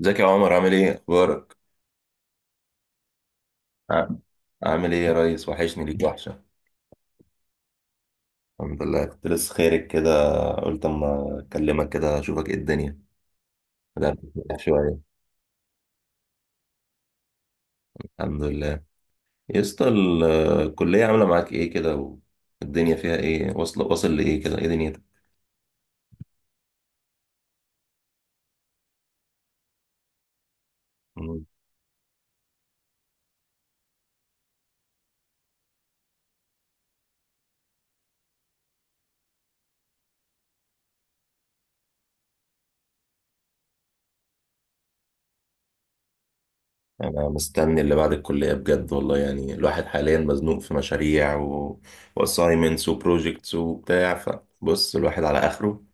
ازيك يا عمر؟ عامل ايه؟ اخبارك؟ ع- عامل ايه يا ريس؟ وحشني ليك وحشه. الحمد لله، كنت لسه خيرك كده. قلت اما اكلمك كده اشوفك ايه الدنيا، بدأت أتفرح شويه. الحمد لله. يا اسطى، الكليه عامله معاك ايه كده؟ والدنيا فيها ايه؟ واصل واصل لايه كده؟ ايه دنيتك؟ مم. انا مستني اللي بعد الكليه بجد والله، يعني الواحد حاليا مزنوق في مشاريع واسايمنتس وبروجكتس وبتاع، فبص الواحد على اخره.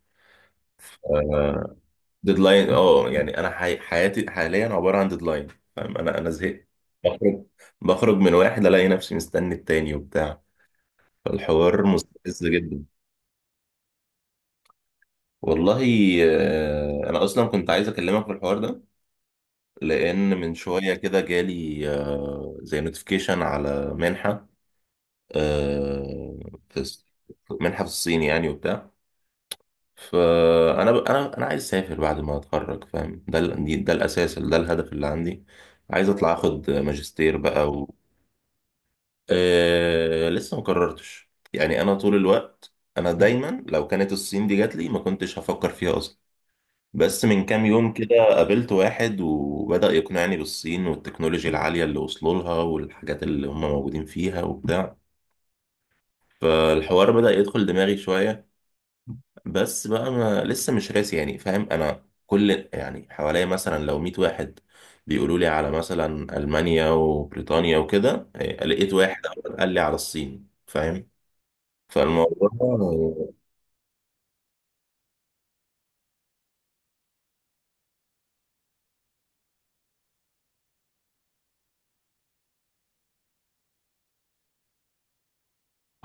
آه، ديدلاين، اه يعني انا حياتي حاليا عباره عن ديدلاين، فاهم؟ انا زهقت. بخرج، بخرج من واحد الاقي نفسي مستني التاني وبتاع، فالحوار مستفز جدا. والله انا اصلا كنت عايز اكلمك في الحوار ده، لان من شويه كده جالي زي نوتيفيكيشن على منحه. آه، في الص- منحه في الصين يعني وبتاع. فانا ب... انا انا عايز اسافر بعد ما اتخرج، فاهم؟ ده ده الاساس، ده الهدف اللي عندي. عايز اطلع اخد ماجستير بقى لسه ما قررتش يعني. انا طول الوقت انا دايما لو كانت الصين دي جات لي ما كنتش هفكر فيها اصلا، بس من كام يوم كده قابلت واحد وبدأ يقنعني بالصين والتكنولوجيا العالية اللي وصلوا لها والحاجات اللي هم موجودين فيها وبتاع. فالحوار بدأ يدخل دماغي شوية، بس بقى ما لسه مش راسي يعني، فاهم؟ انا كل يعني حواليا مثلا لو 100 واحد بيقولوا لي على مثلا المانيا وبريطانيا وكده إيه، لقيت واحد أول قال لي على الصين، فاهم؟ فالموضوع.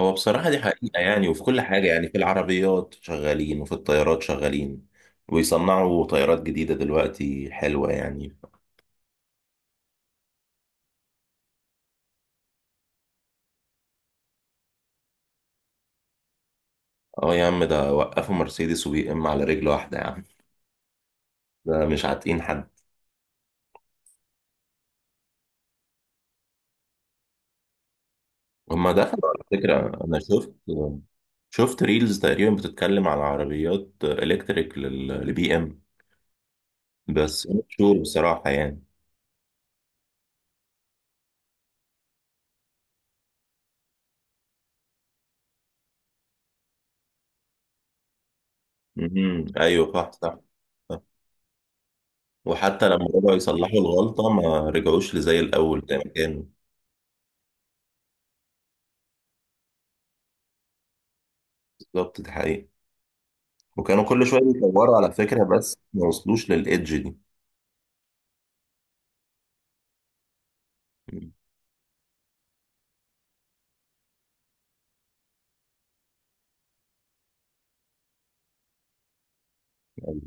هو بصراحة دي حقيقة يعني، وفي كل حاجة يعني، في العربيات شغالين وفي الطيارات شغالين، ويصنعوا طيارات جديدة دلوقتي حلوة يعني. اه يا عم، ده وقفوا مرسيدس وبي ام على رجل واحدة يا عم، ده مش عاتقين حد. هما دخلوا على فكرة، أنا شفت، شفت ريلز تقريبا بتتكلم على عربيات إلكتريك للبي إم، بس مش شور بصراحة يعني. امم، أيوه صح صح. صح. وحتى لما رجعوا يصلحوا الغلطة ما رجعوش لزي الأول زي ما كانوا. بالظبط، دي حقيقة. وكانوا كل شوية بيطوروا على فكرة بس ما وصلوش للإيدج دي. مم. أيوة.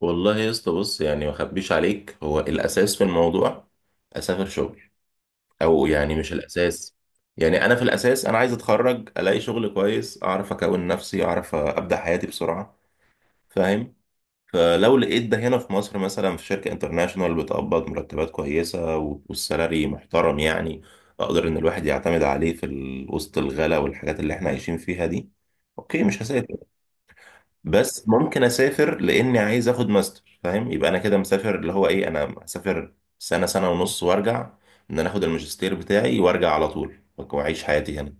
والله يا اسطى، بص يعني ما أخبيش عليك، هو الأساس في الموضوع أسافر شغل. او يعني مش الاساس، يعني انا في الاساس انا عايز اتخرج الاقي شغل كويس، اعرف اكون نفسي، اعرف ابدا حياتي بسرعه، فاهم؟ فلو لقيت ده هنا في مصر مثلا، في شركه انترناشونال بتقبض مرتبات كويسه والسالري محترم يعني، اقدر ان الواحد يعتمد عليه وسط الغلا والحاجات اللي احنا عايشين فيها دي، اوكي مش هسافر. بس ممكن اسافر لاني عايز اخد ماستر، فاهم؟ يبقى انا كده مسافر، اللي هو ايه، انا اسافر سنه سنه ونص وارجع. ان انا اخد الماجستير بتاعي وارجع على طول واعيش حياتي هنا.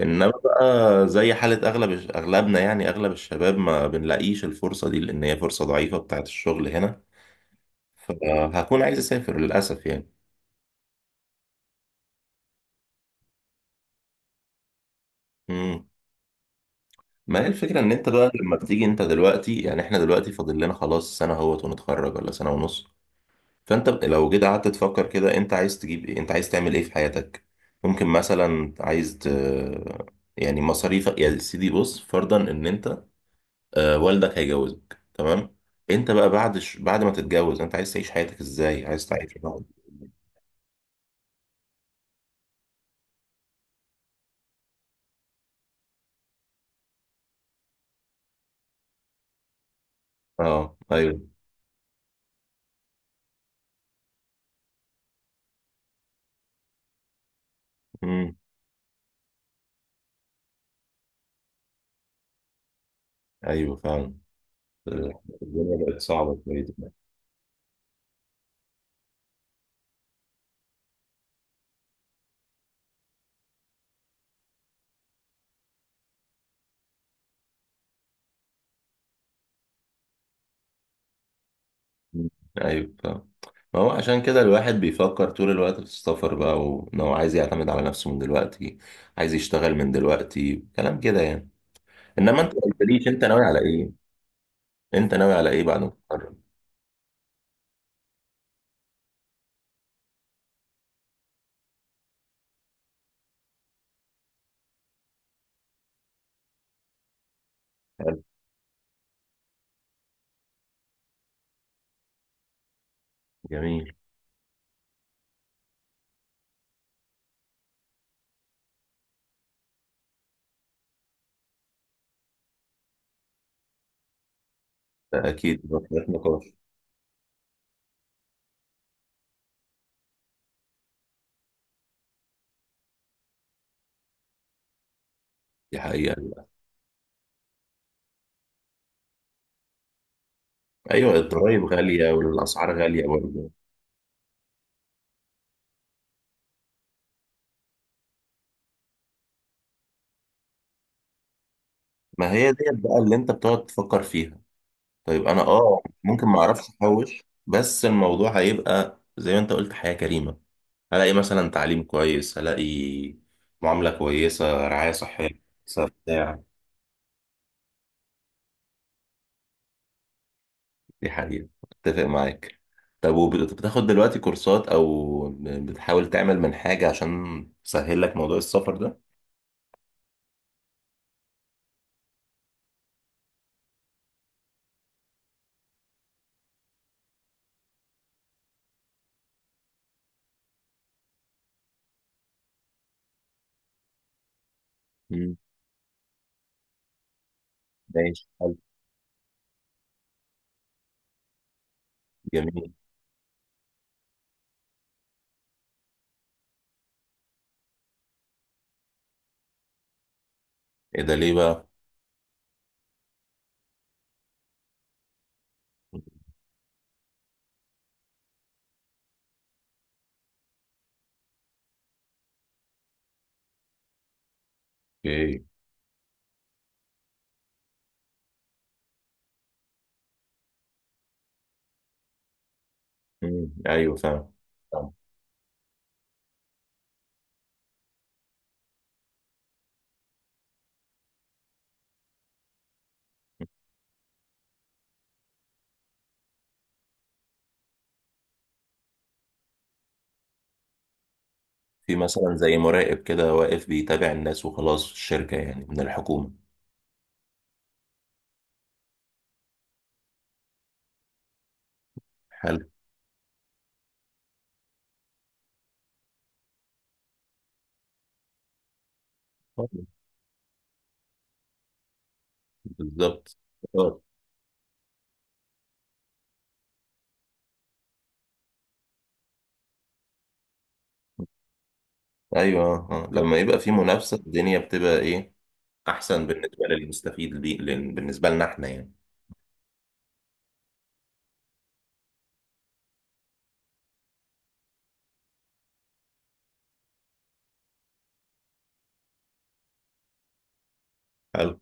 انما بقى زي حاله اغلبنا يعني، اغلب الشباب ما بنلاقيش الفرصه دي، لان هي فرصه ضعيفه بتاعت الشغل هنا، فهكون عايز اسافر للاسف يعني. امم. ما هي الفكره ان انت بقى لما بتيجي انت دلوقتي، يعني احنا دلوقتي فاضل لنا خلاص سنه اهوت ونتخرج ولا سنه ونص. فانت لو جيت قعدت تفكر كده، انت عايز تجيب ايه؟ انت عايز تعمل ايه في حياتك؟ ممكن مثلا يعني مصاريفك يا سيدي، بص فرضا ان انت آه والدك هيجوزك تمام، انت بقى بعد ما تتجوز انت عايز تعيش حياتك ازاي؟ عايز تعيش؟ اه ايوه. امم. ايوه فعلا. آه، الدنيا بقت صعبة شوية دلوقتي. مم. ايوه فعلا. ما هو عشان كده الواحد بيفكر طول الوقت في السفر بقى، وان هو عايز يعتمد على نفسه من دلوقتي، عايز يشتغل من دلوقتي، كلام كده يعني. انما انت ما قلتليش انت ناوي على ايه، انت ناوي على ايه بعد ما تتخرج؟ حلو. جميل. ده اكيد، ده خلاف نقاش. دي حقيقه للأسف. ايوه، الضرايب غاليه والاسعار غاليه برضه. ما هي ديت بقى اللي انت بتقعد تفكر فيها. طيب انا اه ممكن ما اعرفش احوش، بس الموضوع هيبقى زي ما انت قلت حياه كريمه. هلاقي مثلا تعليم كويس، هلاقي معامله كويسه، رعايه صحيه كويسة، بتاع. دي حقيقة، اتفق معاك. طب وبتاخد دلوقتي كورسات او بتحاول تعمل من حاجة عشان تسهل لك موضوع السفر ده؟ مم. ماشي، حلو. جميل. ايه ده؟ ليه بقى؟ اوكي. مم. ايوه فاهم. فاهم. في مثلا زي مراقب كده واقف بيتابع الناس وخلاص في الشركة يعني من الحكومة؟ حلو. بالظبط. آه. ايوه. آه. آه. لما يبقى في منافسة الدنيا بتبقى ايه، احسن بالنسبة للمستفيد دي بالنسبة لنا احنا يعني. حلو.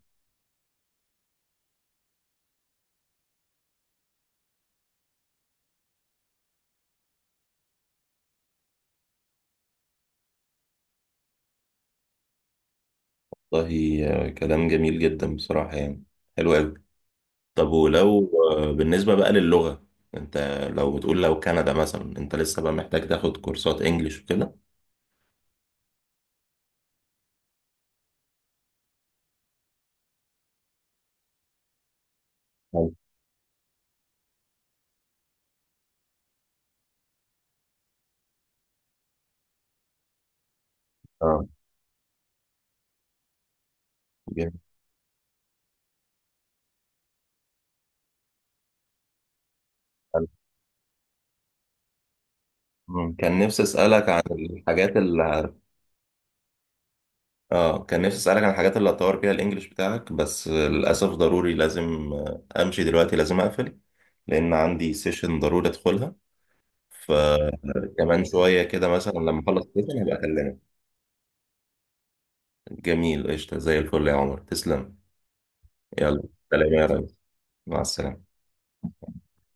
والله كلام جميل جدا بصراحة يعني، حلو أوي. طب ولو بالنسبة بقى للغة، أنت لو بتقول لو كندا مثلا، أنت لسه بقى محتاج تاخد كورسات إنجليش وكده؟ حلو. اه. جميل. حلو. مم. كان نفسي أسألك عن الحاجات اللي، اه كان نفسي أسألك عن الحاجات اللي هتطور فيها الإنجليش بتاعك، بس للأسف ضروري لازم أمشي دلوقتي، لازم أقفل، لأن عندي سيشن ضروري أدخلها. فكمان شوية كده مثلا، لما أخلص السيشن هبقى أكلمك. جميل، قشطة، زي الفل يا عمر، تسلم. يلا. سلام يا ريس. مع السلامة.